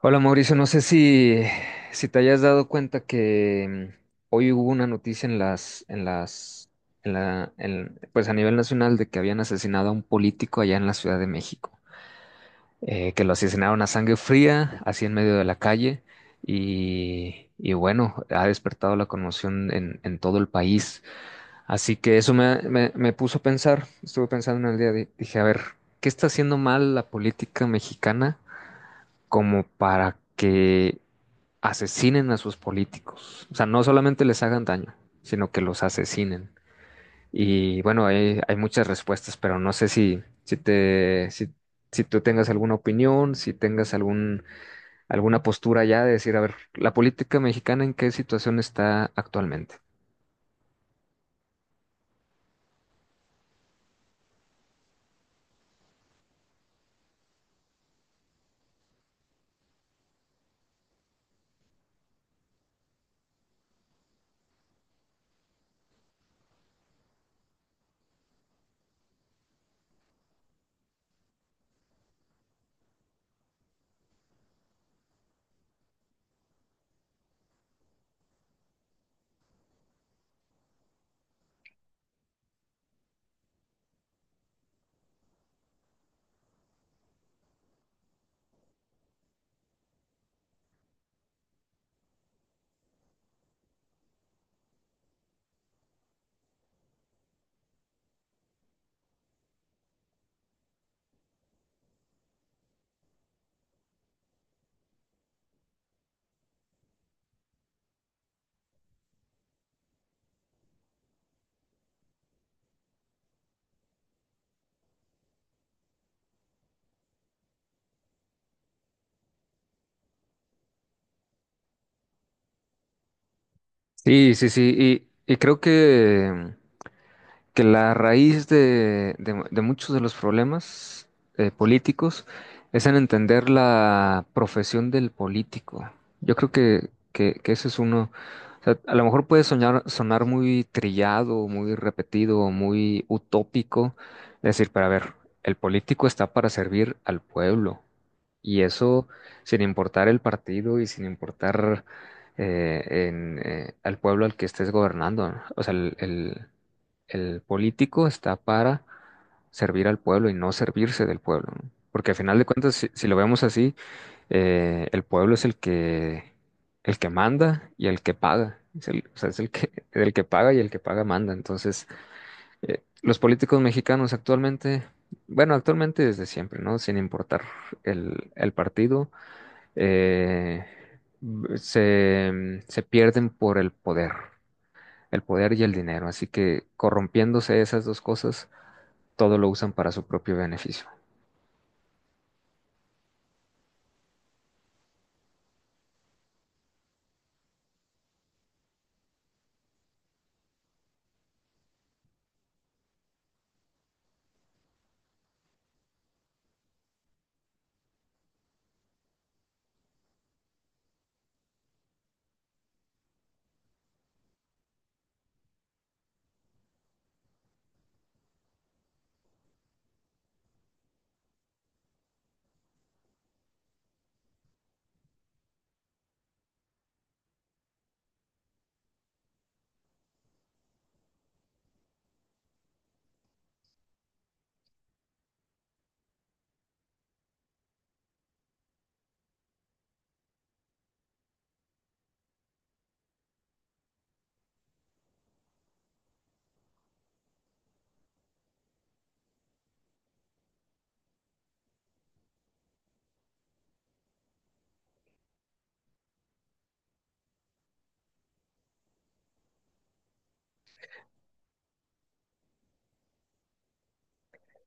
Hola Mauricio, no sé si te hayas dado cuenta que hoy hubo una noticia en pues a nivel nacional de que habían asesinado a un político allá en la Ciudad de México. Que lo asesinaron a sangre fría, así en medio de la calle, y bueno, ha despertado la conmoción en todo el país. Así que eso me puso a pensar, estuve pensando en el día, dije, a ver, ¿qué está haciendo mal la política mexicana como para que asesinen a sus políticos? O sea, no solamente les hagan daño, sino que los asesinen. Y bueno, hay muchas respuestas, pero no sé si, si te, si, si tú tengas alguna opinión, si tengas alguna postura ya de decir, a ver, la política mexicana en qué situación está actualmente. Sí, sí, sí. Y creo que la raíz de muchos de los problemas políticos es en entender la profesión del político. Yo creo que ese es uno. O sea, a lo mejor puede sonar muy trillado, muy repetido, muy utópico, decir, pero a ver, el político está para servir al pueblo y eso sin importar el partido y sin importar al pueblo al que estés gobernando, ¿no? O sea, el político está para servir al pueblo y no servirse del pueblo, ¿no? Porque al final de cuentas, si lo vemos así, el pueblo es el que manda y el que paga. O sea, es el que, el que paga y el que paga manda. Entonces, los políticos mexicanos actualmente, bueno, actualmente desde siempre, ¿no? Sin importar el partido, eh, se pierden por el poder y el dinero. Así que corrompiéndose esas dos cosas todo lo usan para su propio beneficio.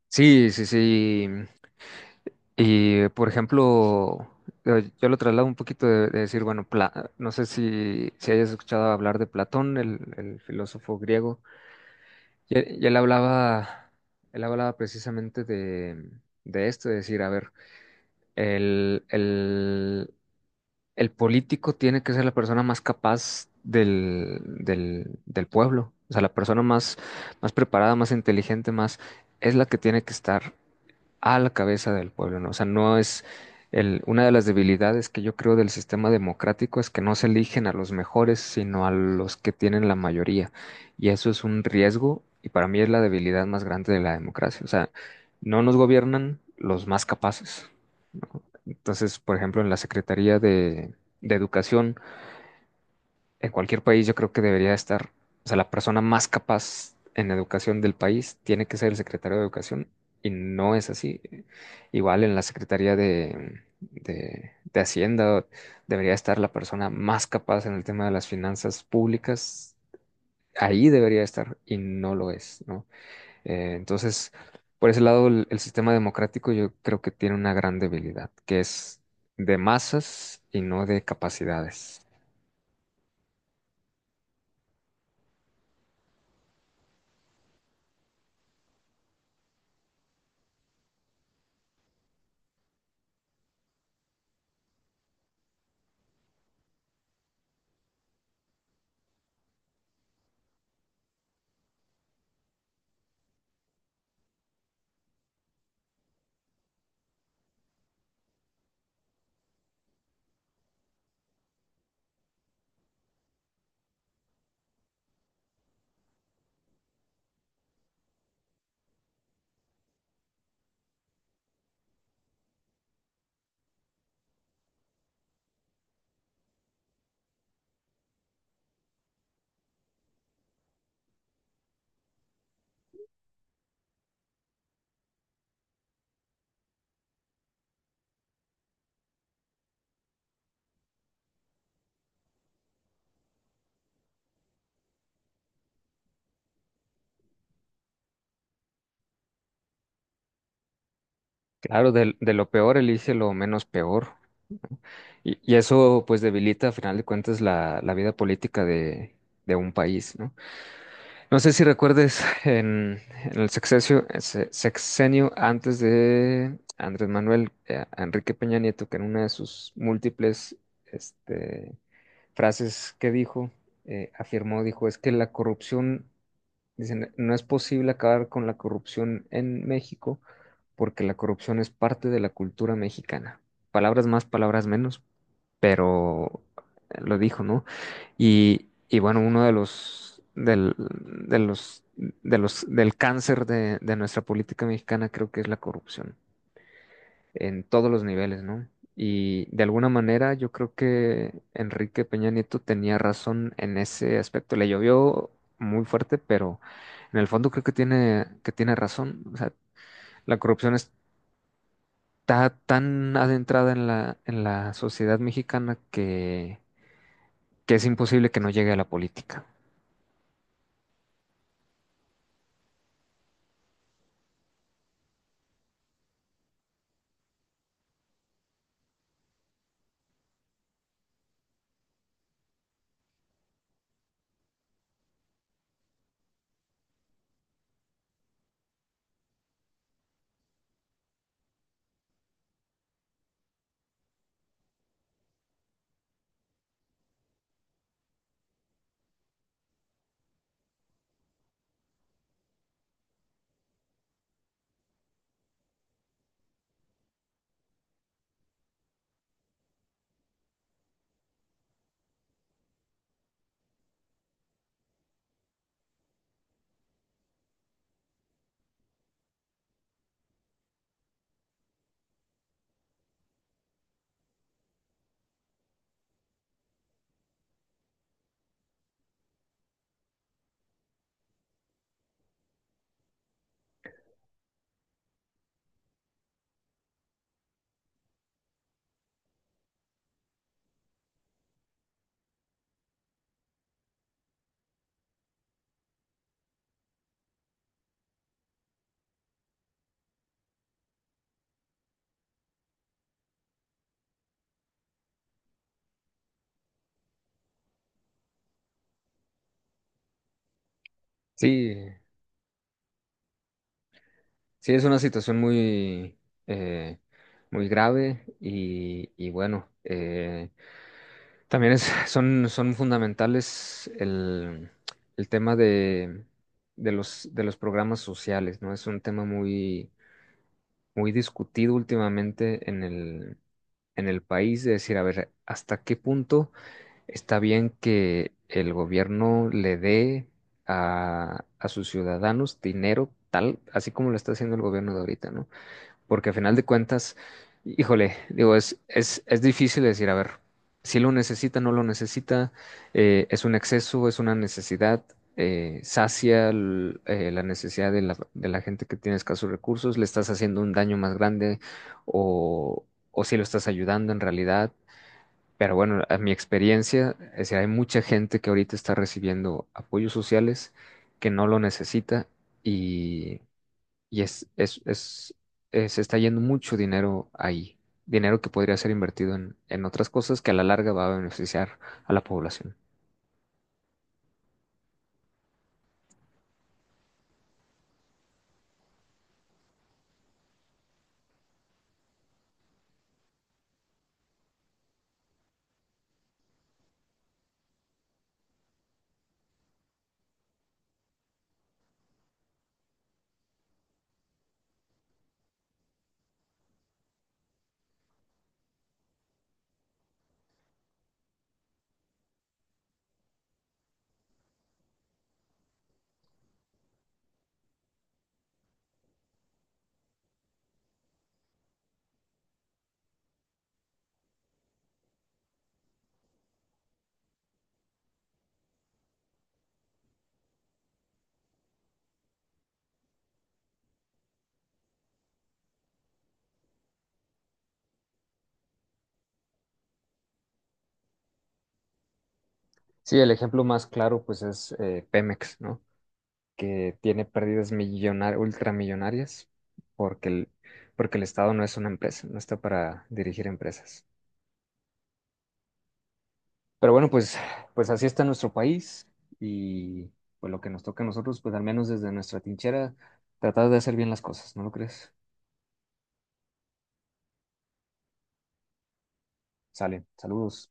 Sí, sí, sí. Y por ejemplo, yo lo traslado un poquito de decir, bueno, no sé si, si hayas escuchado hablar de Platón, el filósofo griego, y él hablaba precisamente de esto, de decir, a ver, el, el, el político tiene que ser la persona más capaz del pueblo. O sea, la persona más preparada, más inteligente, más, es la que tiene que estar a la cabeza del pueblo, ¿no? O sea, no es una de las debilidades que yo creo del sistema democrático es que no se eligen a los mejores, sino a los que tienen la mayoría. Y eso es un riesgo y para mí es la debilidad más grande de la democracia. O sea, no nos gobiernan los más capaces, ¿no? Entonces, por ejemplo, en la Secretaría de Educación, en cualquier país yo creo que debería estar, o sea, la persona más capaz en educación del país tiene que ser el secretario de educación, y no es así. Igual en la Secretaría de Hacienda debería estar la persona más capaz en el tema de las finanzas públicas. Ahí debería estar y no lo es, ¿no? Entonces, por ese lado, el sistema democrático yo creo que tiene una gran debilidad, que es de masas y no de capacidades. Claro, de lo peor elige lo menos peor. Y eso pues debilita a final de cuentas la vida política de un país, ¿no? No sé si recuerdes en el sexenio, sexenio antes de Andrés Manuel, a Enrique Peña Nieto, que en una de sus múltiples este, frases que dijo, afirmó, dijo, es que la corrupción, dicen, no es posible acabar con la corrupción en México porque la corrupción es parte de la cultura mexicana. Palabras más, palabras menos, pero lo dijo, ¿no? Y bueno, uno de los, del cáncer de nuestra política mexicana creo que es la corrupción, en todos los niveles, ¿no? Y de alguna manera yo creo que Enrique Peña Nieto tenía razón en ese aspecto. Le llovió muy fuerte, pero en el fondo creo que tiene razón. O sea, la corrupción es está tan adentrada en en la sociedad mexicana que es imposible que no llegue a la política. Sí, sí, es una situación muy, eh, muy grave y bueno, son, son fundamentales el tema de, de los programas sociales, ¿no? Es un tema muy, muy discutido últimamente en en el país, de decir, a ver, ¿hasta qué punto está bien que el gobierno le dé a sus ciudadanos dinero tal, así como lo está haciendo el gobierno de ahorita, ¿no? Porque a final de cuentas, híjole, digo, es difícil decir, a ver, si lo necesita, no lo necesita, es un exceso, es una necesidad, la necesidad de de la gente que tiene escasos recursos, le estás haciendo un daño más grande o, o si lo estás ayudando en realidad. Pero bueno, a mi experiencia, es decir, hay mucha gente que ahorita está recibiendo apoyos sociales que no lo necesita y, y se está yendo mucho dinero ahí, dinero que podría ser invertido en otras cosas que a la larga va a beneficiar a la población. Sí, el ejemplo más claro pues es Pemex, ¿no? Que tiene pérdidas ultramillonarias porque porque el Estado no es una empresa, no está para dirigir empresas. Pero bueno, pues así está nuestro país y pues lo que nos toca a nosotros, pues al menos desde nuestra tinchera, tratar de hacer bien las cosas, ¿no lo crees? Sale, saludos.